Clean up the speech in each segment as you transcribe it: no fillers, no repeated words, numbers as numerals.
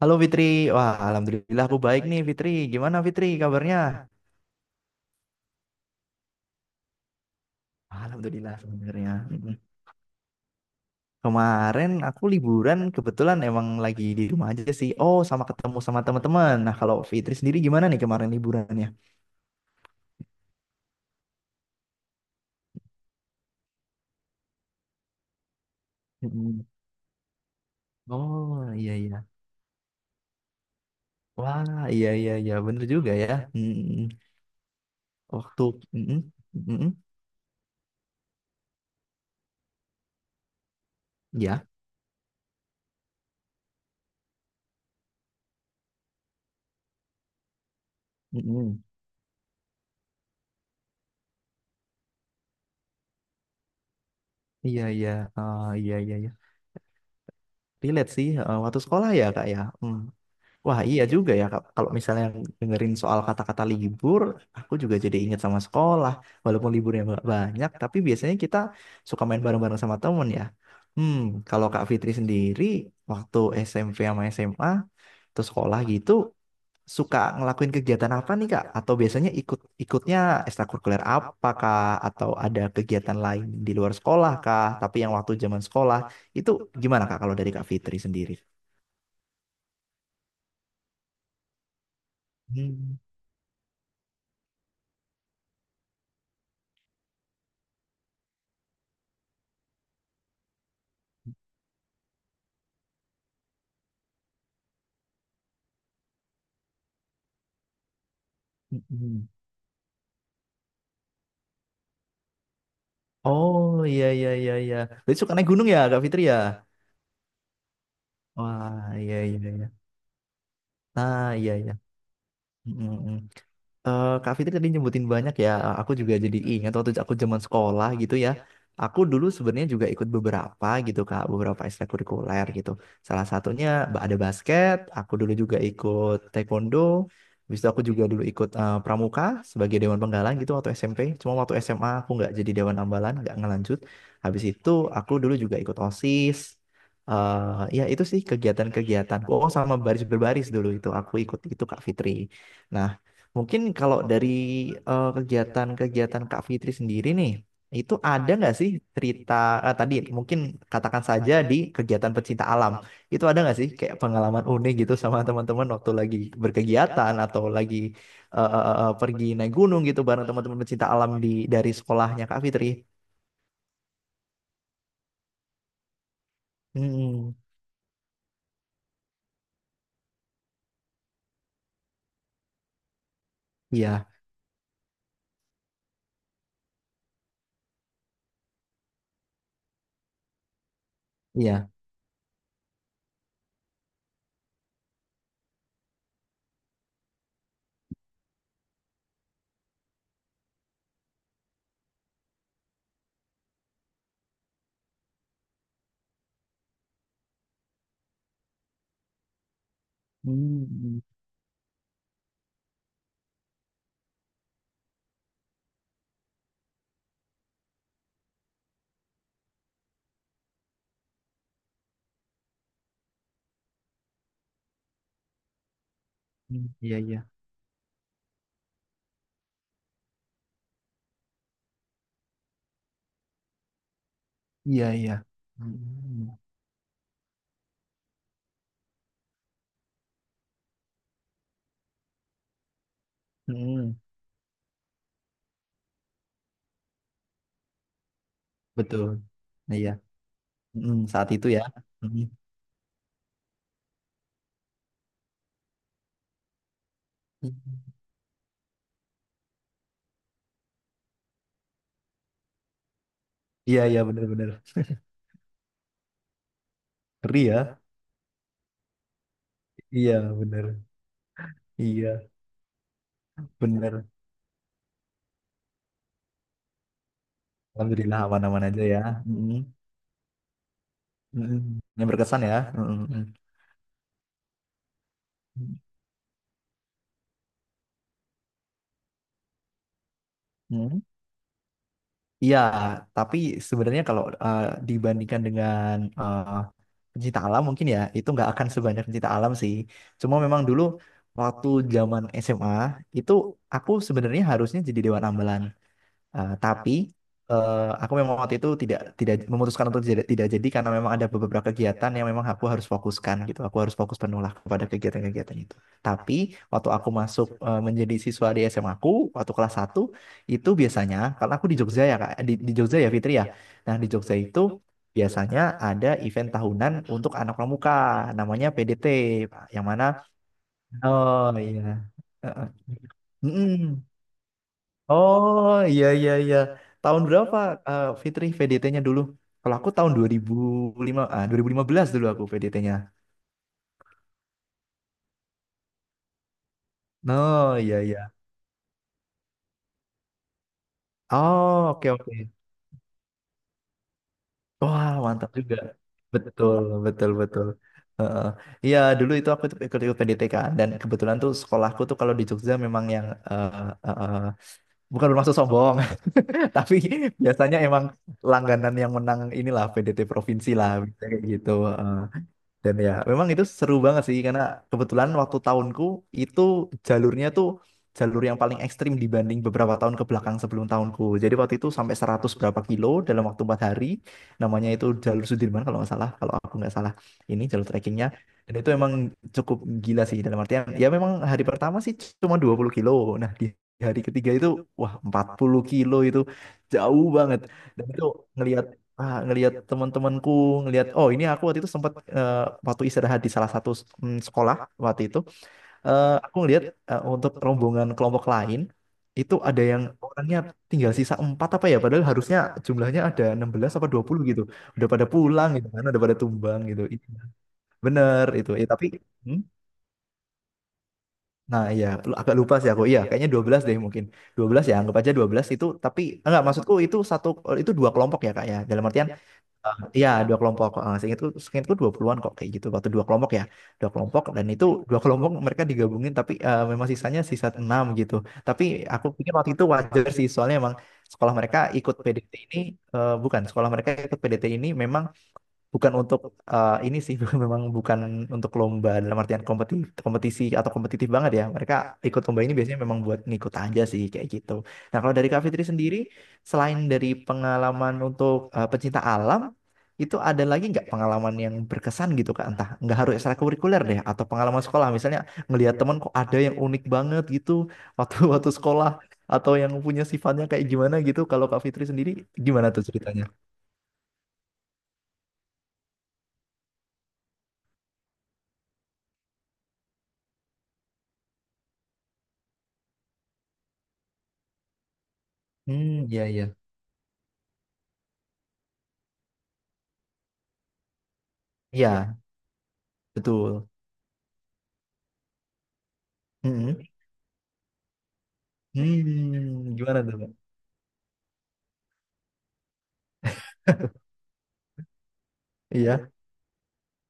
Halo Fitri, wah alhamdulillah aku baik nih Fitri. Gimana Fitri kabarnya? Alhamdulillah sebenarnya. Mm-mm. Kemarin aku liburan kebetulan emang lagi di rumah aja sih. Oh, sama ketemu sama teman-teman. Nah, kalau Fitri sendiri gimana nih kemarin liburannya? Mm-mm. Oh, iya iya. Wah, iya iya iya, bener juga ya. Mm-mm. Waktu mm-mm, mm-mm, ya. Mm-mm. Iya iya. Ah, iya iya iya. Relate sih waktu sekolah ya, Kak ya. Mm. Wah iya juga ya Kak. Kalau misalnya dengerin soal kata-kata libur, aku juga jadi ingat sama sekolah. Walaupun liburnya nggak banyak, tapi biasanya kita suka main bareng-bareng sama temen ya. Hmm, kalau Kak Fitri sendiri waktu SMP sama SMA terus sekolah gitu suka ngelakuin kegiatan apa nih Kak? Atau biasanya ikut ikutnya ekstrakurikuler apa Kak? Atau ada kegiatan lain di luar sekolah Kak? Tapi yang waktu zaman sekolah itu gimana Kak kalau dari Kak Fitri sendiri? Hmm. Mm-mm. Oh iya iya iya iya. Jadi suka naik gunung ya Kak Fitri ya? Wah iya iya iya. Ah iya iya. Mm, mm, mm. Kak Fitri tadi nyebutin banyak ya, aku juga jadi ingat waktu aku zaman sekolah gitu ya. Aku dulu sebenarnya juga ikut beberapa gitu Kak, beberapa ekstrakurikuler gitu. Salah satunya ada basket, aku dulu juga ikut taekwondo, habis itu aku juga dulu ikut pramuka sebagai dewan penggalan gitu waktu SMP. Cuma waktu SMA aku nggak jadi dewan ambalan, nggak ngelanjut. Habis itu aku dulu juga ikut OSIS. Ya itu sih kegiatan-kegiatan. Oh sama baris berbaris dulu itu aku ikut itu Kak Fitri. Nah, mungkin kalau dari kegiatan-kegiatan Kak Fitri sendiri nih, itu ada nggak sih cerita tadi mungkin katakan saja di kegiatan pecinta alam. Itu ada nggak sih kayak pengalaman unik gitu sama teman-teman waktu lagi berkegiatan atau lagi pergi naik gunung gitu bareng teman-teman pecinta alam di dari sekolahnya Kak Fitri. Hmm, iya, iya. Hmm, hmm, iya, iya. Iya, iya. Hmm, hmm, betul. Iya. Hmm, saat itu ya. Hmm. Iya, iya benar-benar. Ngeri ya. Iya, benar. Iya, benar. Alhamdulillah aman-aman aja ya. Mm-mm. Mm-mm. Yang berkesan ya. Mm-mm. Mm-mm. Iya, tapi sebenarnya kalau dibandingkan dengan uh, pencinta alam mungkin ya itu nggak akan sebanyak pencinta alam sih. Cuma memang dulu waktu zaman SMA itu aku sebenarnya harusnya jadi dewan ambalan. Tapi aku memang waktu itu tidak tidak memutuskan untuk tidak jadi karena memang ada beberapa kegiatan yang memang aku harus fokuskan gitu. Aku harus fokus penuh lah kepada kegiatan-kegiatan itu. Tapi waktu aku masuk menjadi siswa di SMA aku waktu kelas satu itu biasanya karena aku di Jogja ya Kak, di Jogja ya Fitri ya. Nah, di Jogja itu biasanya ada event tahunan untuk anak pramuka namanya PDT, Pak, yang mana oh iya. Eh, eh. Mm-mm. Oh iya iya iya. Tahun berapa Fitri VDT-nya dulu? Kalau aku tahun 2015 dulu aku VDT-nya. Oh iya iya. Oh, oke oke. Wah, mantap juga. Betul, betul, betul. Heeh. Iya, dulu itu aku tuh ikut-ikut PDT kan dan kebetulan tuh sekolahku tuh kalau di Jogja memang yang eh, eh, bukan bermaksud sombong, tapi biasanya emang langganan yang menang inilah PDT provinsi lah biasanya kayak gitu. Dan ya, memang itu seru banget sih karena kebetulan waktu tahunku itu jalurnya tuh jalur yang paling ekstrim dibanding beberapa tahun ke belakang sebelum tahunku. Jadi waktu itu sampai 100 berapa kilo dalam waktu 4 hari. Namanya itu jalur Sudirman kalau nggak salah, kalau aku nggak salah. Ini jalur trekkingnya. Dan itu emang cukup gila sih dalam artian ya memang hari pertama sih cuma 20 kilo. Nah, di hari ketiga itu wah 40 kilo itu jauh banget. Dan itu ngelihat ngelihat teman-temanku ngelihat oh ini aku waktu itu sempat eh, waktu istirahat di salah satu sekolah waktu itu aku ngelihat untuk rombongan kelompok lain itu ada yang orangnya tinggal sisa 4 apa ya padahal harusnya jumlahnya ada 16 apa 20 gitu udah pada pulang gitu kan udah pada tumbang gitu. Itu bener itu. Tapi hmm? Nah, iya, agak lupa sih aku. Iya, kayaknya 12 deh mungkin. 12 ya, anggap aja 12 itu tapi enggak maksudku itu satu itu dua kelompok ya, Kak ya. Dalam artian iya, dua kelompok. Eh, seingatku, seingatku 20-an kok kayak gitu. Waktu dua kelompok ya. Dua kelompok dan itu dua kelompok mereka digabungin tapi memang sisanya sisa 6 gitu. Tapi aku pikir waktu itu wajar sih soalnya emang sekolah mereka ikut PDT ini bukan sekolah mereka ikut PDT ini memang bukan untuk ini sih memang bukan untuk lomba dalam artian kompetisi atau kompetitif banget ya mereka ikut lomba ini biasanya memang buat ngikut aja sih kayak gitu. Nah kalau dari Kak Fitri sendiri selain dari pengalaman untuk pecinta alam itu ada lagi nggak pengalaman yang berkesan gitu Kak entah nggak harus ekstrakurikuler deh atau pengalaman sekolah misalnya ngelihat teman kok ada yang unik banget gitu waktu waktu sekolah atau yang punya sifatnya kayak gimana gitu kalau Kak Fitri sendiri gimana tuh ceritanya? Hmm, iya, iya. Iya. Betul. Mm-mm. Hmm, gimana tuh, Pak? Iya,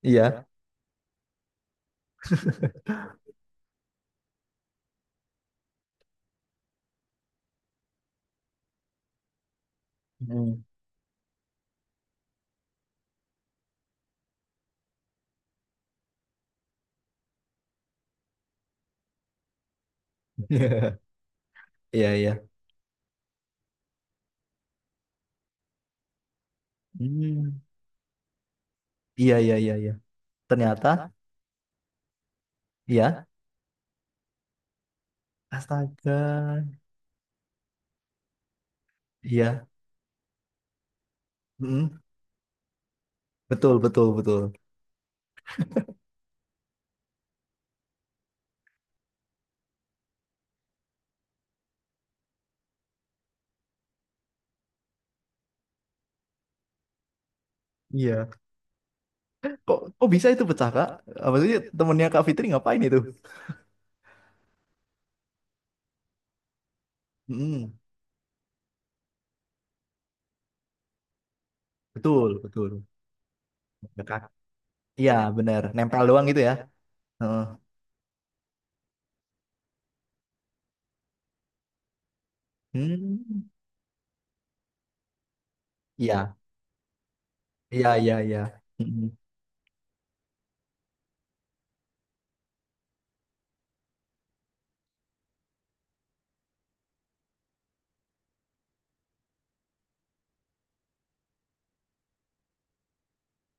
iya. Mm. Iya, iya. Hmm, iya, iya, iya, iya. Ternyata, iya. Astaga. Iya. Mm-mm. Betul, betul, betul. Iya. Kok, kok bisa itu pecah, Kak? Apa sih temennya Kak Fitri ngapain itu? Mm-mm. Betul, betul. Ya, Kak. Iya, benar. Nempel doang gitu ya. Heeh. Hmm. Iya, iya, iya, iya. Mm-mm.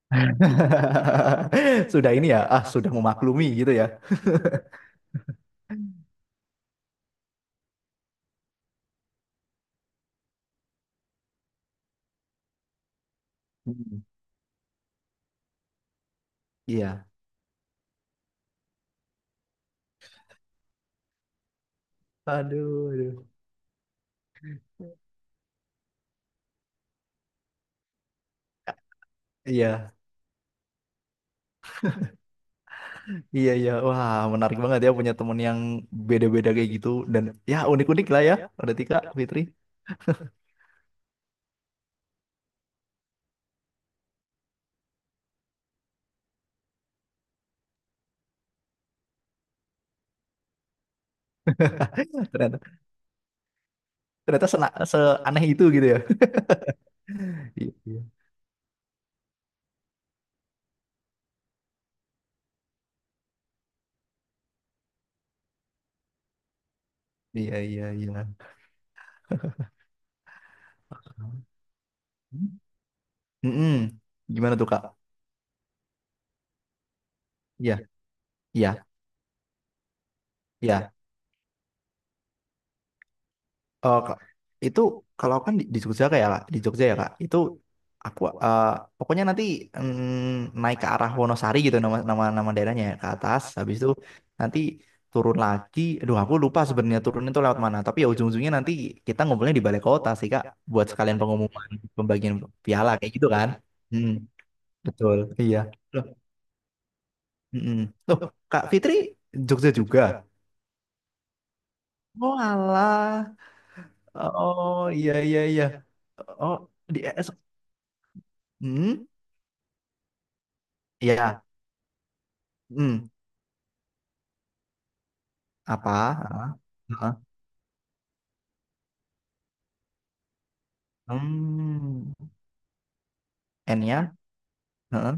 Sudah ini ya, ah sudah memaklumi gitu ya. Hmm. Iya. Aduh, aduh. Iya, iya, iya. Wah, menarik banget ya punya temen yang beda-beda kayak gitu. Dan ya unik-unik lah ya. Udah Tika, Fitri. Ternyata, seaneh itu gitu ya. Iya, iya, iya, iya. Iya. Mm-mm. Gimana tuh, Kak? Iya, iya, iya. Kak, itu kalau kan di Jogja kayak ya, Kak, di Jogja ya Kak, itu aku pokoknya nanti naik ke arah Wonosari gitu nama nama nama daerahnya ya, ke atas, habis itu nanti turun lagi. Aduh, aku lupa sebenarnya turun itu lewat mana. Tapi ya ujung-ujungnya nanti kita ngumpulnya di balai kota sih Kak, buat sekalian pengumuman pembagian piala kayak gitu kan. Hmm, betul. Iya. Loh, mm-mm. Loh, Kak Fitri Jogja juga. Oh alah. Oh iya iya iya. Oh di hmm, iya. Hmm, apa? Heeh, heeh. Hmm, N-nya? Heeh.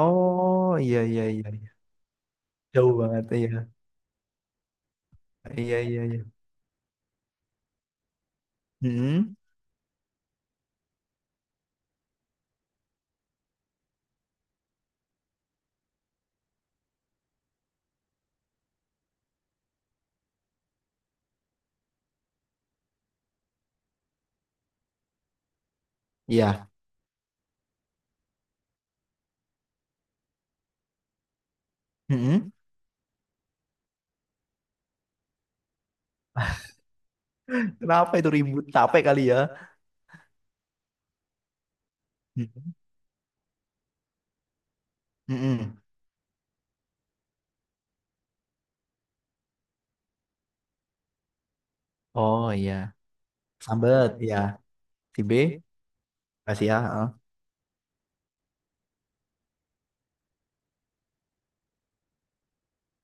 Oh, iya iya iya. Iya. Jauh banget iya. Iya iya iya. Hmm, iya. Hmm. Kenapa itu ribut? Capek kali ya. Hmm. Hmm. Oh iya. Sambet, iya. Si B, kasih ya. Heeh.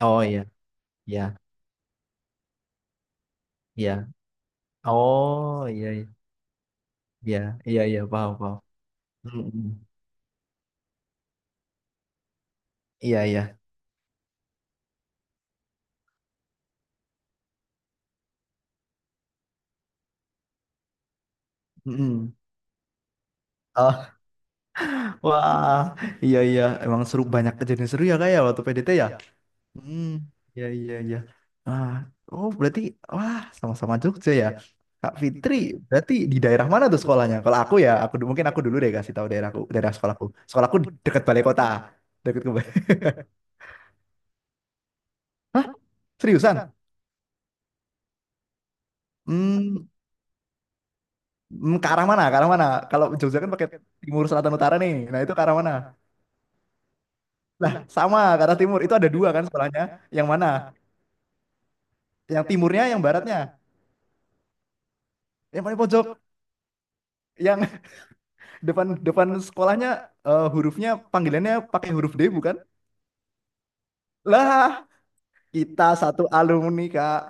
Oh iya, iya, iya. Oh iya iya. Iya, iya iya paham paham. Hmm. Hmm. Iya iya. Hmm. Hmm. Wah, iya iya, emang seru banyak kejadian seru ya kayak waktu PDT ya. Hmm, iya iya iya. Ah, oh berarti wah sama-sama Jogja ya. Kak Fitri, berarti di daerah mana tuh sekolahnya? Kalau aku ya, mungkin aku dulu deh kasih tahu daerahku, daerah sekolahku. Sekolahku dekat balai kota, dekat ke balai. Hah? Seriusan? Hmm, hmm, ke arah mana? Ke arah mana? Kalau Jogja kan pakai timur, selatan, utara nih. Nah itu ke arah mana? Lah, sama ke arah timur. Itu ada dua kan sekolahnya. Yang mana? Yang timurnya, yang baratnya. Yang paling pojok yang depan depan sekolahnya hurufnya panggilannya pakai huruf D bukan? Lah, kita satu alumni, Kak.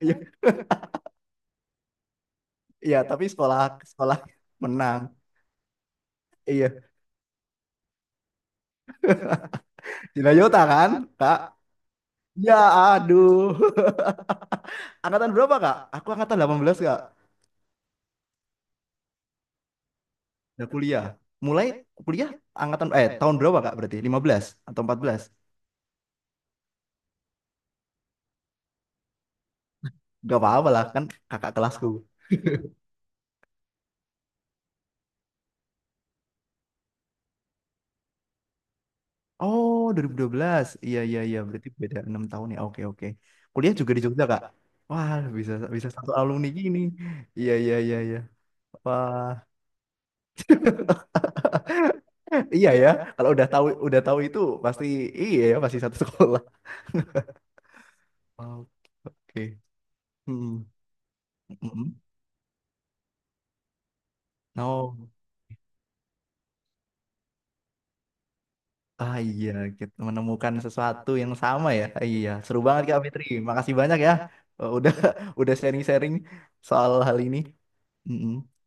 Iya, iya, tapi sekolah sekolah menang. Iya, Cinayota kan, Kak? Ya, aduh. Angkatan berapa, Kak? Aku angkatan 18 Kak. Udah kuliah. Mulai kuliah angkatan tahun berapa, Kak? Berarti 15 atau 14? Gak apa-apa lah kan kakak kelasku. Oh, dua 2012, iya, iya, iya. Berarti beda 6 tahun ya. Oke, oke. Kuliah juga di Jogja, Kak? Wah, bisa bisa satu alumni gini. Iya, iya, iya, iya. Wah. Iya ya. Kalau udah tahu itu pasti iya ya, pasti satu sekolah. Oke. Oke. Hmm. Mm-mm. Oh. Ah iya, kita menemukan sesuatu yang sama ya. Iya, seru banget Kak Fitri. Makasih banyak ya. Eh, udah udah sharing-sharing soal hal ini. Mm-mm.